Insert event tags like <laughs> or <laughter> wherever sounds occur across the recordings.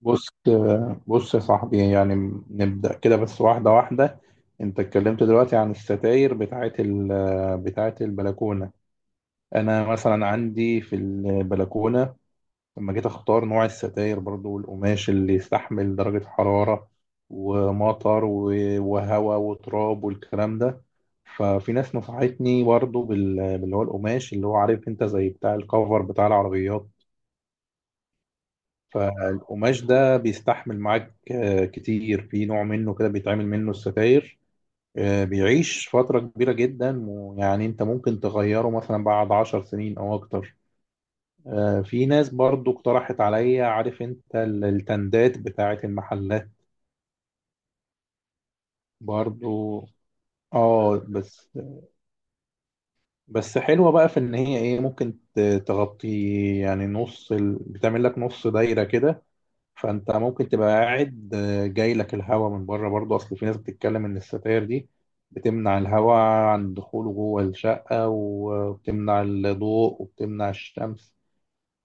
بص بص يا صاحبي، يعني نبدأ كده بس واحدة واحدة. انت اتكلمت دلوقتي عن الستاير بتاعت البلكونة. انا مثلا عندي في البلكونة لما جيت اختار نوع الستاير برضو والقماش اللي يستحمل درجة حرارة ومطر وهواء وتراب والكلام ده. ففي ناس نصحتني برضو باللي هو القماش، اللي هو عارف انت، زي بتاع الكفر بتاع العربيات. فالقماش ده بيستحمل معاك كتير، في نوع منه كده بيتعمل منه الستاير. بيعيش فترة كبيرة جدا، ويعني انت ممكن تغيره مثلا بعد 10 سنين او اكتر. في ناس برضو اقترحت عليا، عارف انت، التندات بتاعت المحلات. برضو اه. بس بس حلوة بقى في ان هي ايه، ممكن تغطي يعني نص بتعمل لك نص دايرة كده. فانت ممكن تبقى قاعد، جاي لك الهواء من بره برضه، اصل في ناس بتتكلم ان الستاير دي بتمنع الهواء عن دخوله جوه الشقة وبتمنع الضوء وبتمنع الشمس.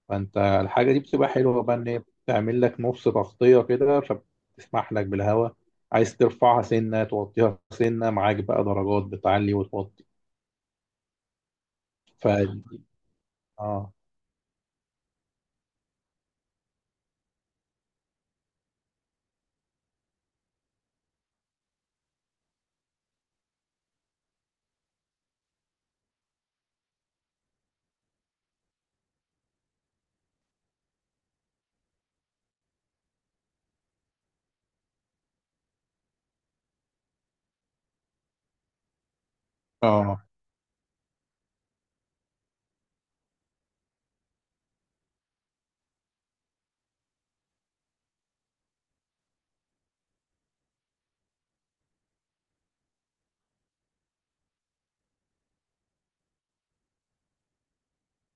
فانت الحاجة دي بتبقى حلوة بقى، ان هي بتعمل لك نص تغطية كده فبتسمح لك بالهواء. عايز ترفعها سنة، توطيها سنة، معاك بقى درجات بتعلي وتوطي. ف اه اه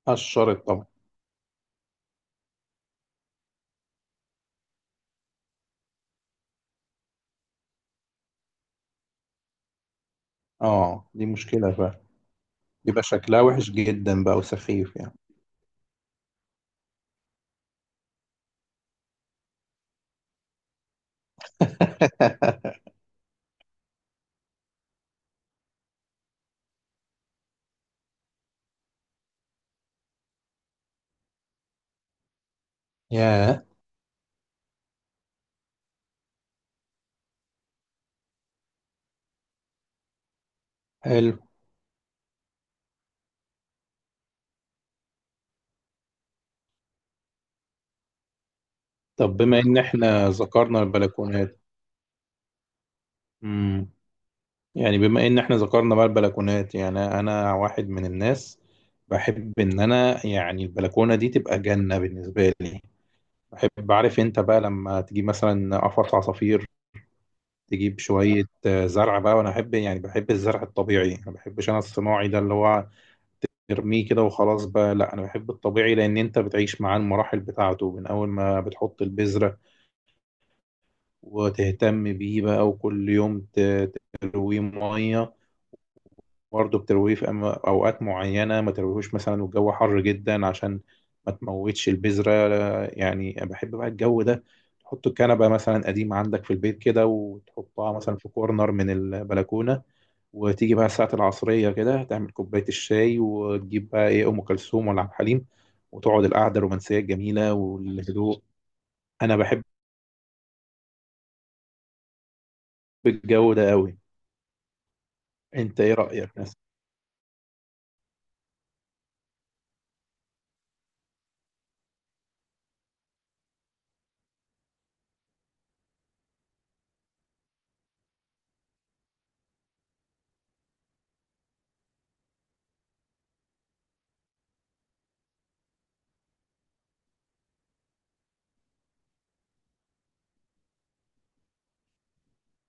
الشرط طبعا. اه دي مشكلة بقى، بيبقى شكلها وحش جدا بقى وسخيف يعني. <laughs> ياه. حلو. طب بما ان احنا ذكرنا البلكونات. امم يعني بما ان احنا ذكرنا بقى البلكونات، يعني انا واحد من الناس بحب ان انا يعني البلكونه دي تبقى جنه بالنسبه لي. بحب، عارف انت بقى، لما تجيب مثلا قفص عصافير، تجيب شويه زرع بقى. وانا احب يعني، بحب الزرع الطبيعي، ما بحبش انا الصناعي ده اللي هو ترميه كده وخلاص بقى. لا، انا بحب الطبيعي لان انت بتعيش معاه المراحل بتاعته من اول ما بتحط البذره وتهتم بيه بقى، وكل يوم ترويه ميه. برضه بترويه في اوقات معينه ما ترويهوش مثلا والجو حر جدا عشان ما تموتش البذره. يعني أنا بحب بقى الجو ده. تحط الكنبه مثلا قديمه عندك في البيت كده وتحطها مثلا في كورنر من البلكونه، وتيجي بقى الساعه العصريه كده تعمل كوبايه الشاي، وتجيب بقى ايه، ام كلثوم ولا عبد الحليم، وتقعد القعده الرومانسيه الجميله والهدوء. انا بحب الجو ده قوي. انت ايه رايك مثلا؟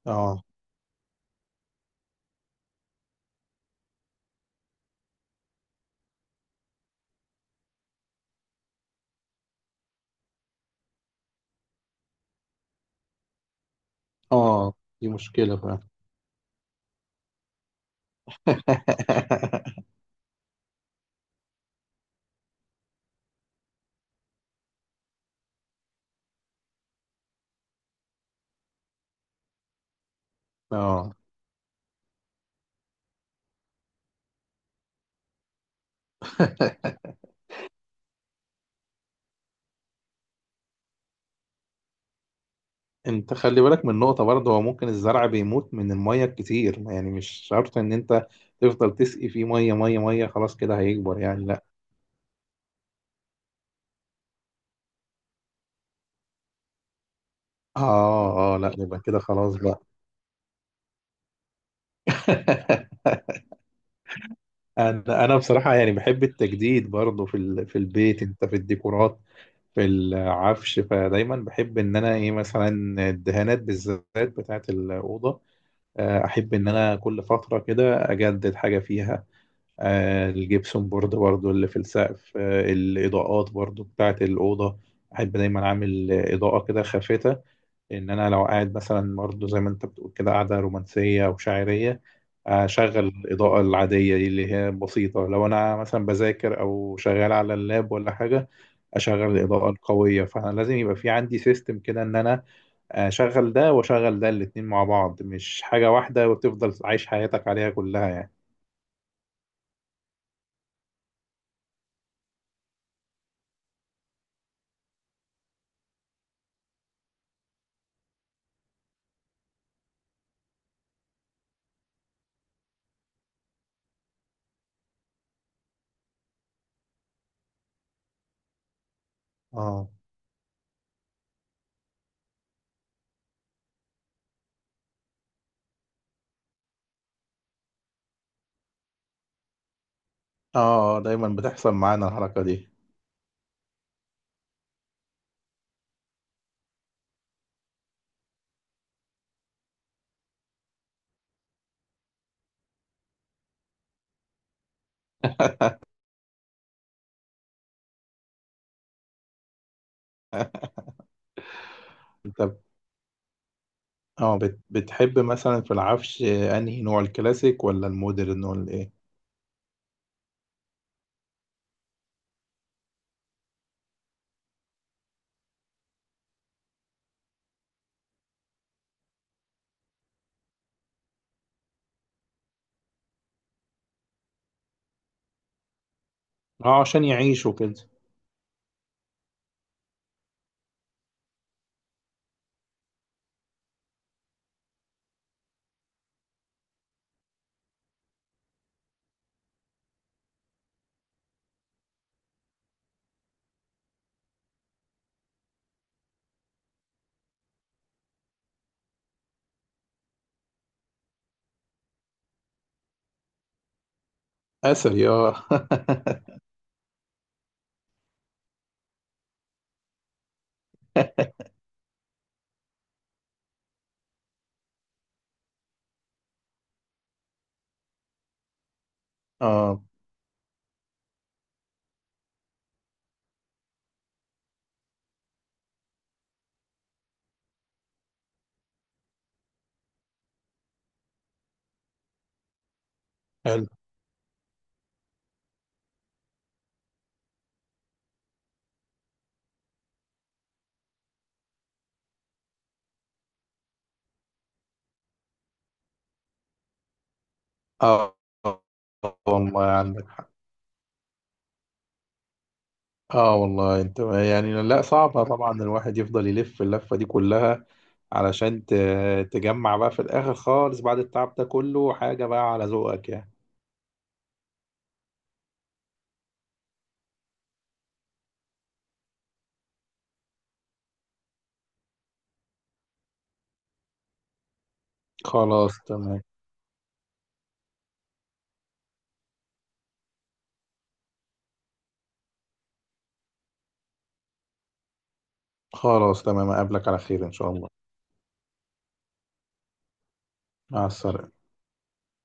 اه اه. دي مشكلة فعلا. <laughs> اه، انت خلي بالك من نقطة برضه، هو ممكن الزرع بيموت من المية الكتير، يعني مش شرط ان انت تفضل تسقي فيه مية مية، خلاص كده هيكبر، يعني لا. اه اه، لا يبقى كده خلاص بقى. <laughs> انا بصراحة يعني بحب التجديد برضه في في البيت، انت في الديكورات، في العفش. فدايما بحب ان انا ايه، مثلا الدهانات بالذات بتاعت الأوضة. احب ان انا كل فتره كده اجدد حاجه فيها. الجبسون بورد برضو اللي في السقف، الاضاءات برضو بتاعه الاوضه. احب دايما اعمل اضاءه كده خافته ان انا لو قاعد مثلا، برضو زي ما انت بتقول كده قاعده رومانسيه او شاعريه، اشغل الاضاءه العاديه دي اللي هي بسيطه. لو انا مثلا بذاكر او شغال على اللاب ولا حاجه، اشغل الاضاءه القويه. فانا لازم يبقى في عندي سيستم كده ان انا شغل ده وشغل ده، الاتنين مع بعض مش حاجة واحدة وتفضل عايش حياتك عليها كلها يعني. اه اه. دايما بتحصل معانا الحركة دي. انت ب- اه بتحب مثلا في العفش، انهي نوع، الكلاسيك ولا المودرن ولا ايه؟ اه، عشان يعيشوا كده. اثري اه. <laughs> اه. حلو. اه. آه، والله عندك. اه والله انت يعني، لا صعبة طبعا، الواحد يفضل يلف اللفة دي كلها علشان تجمع بقى في الاخر خالص بعد التعب ده كله حاجة بقى على ذوقك يعني. خلاص تمام. خلاص تمام، اقابلك على خير ان شاء الله. مع السلامة.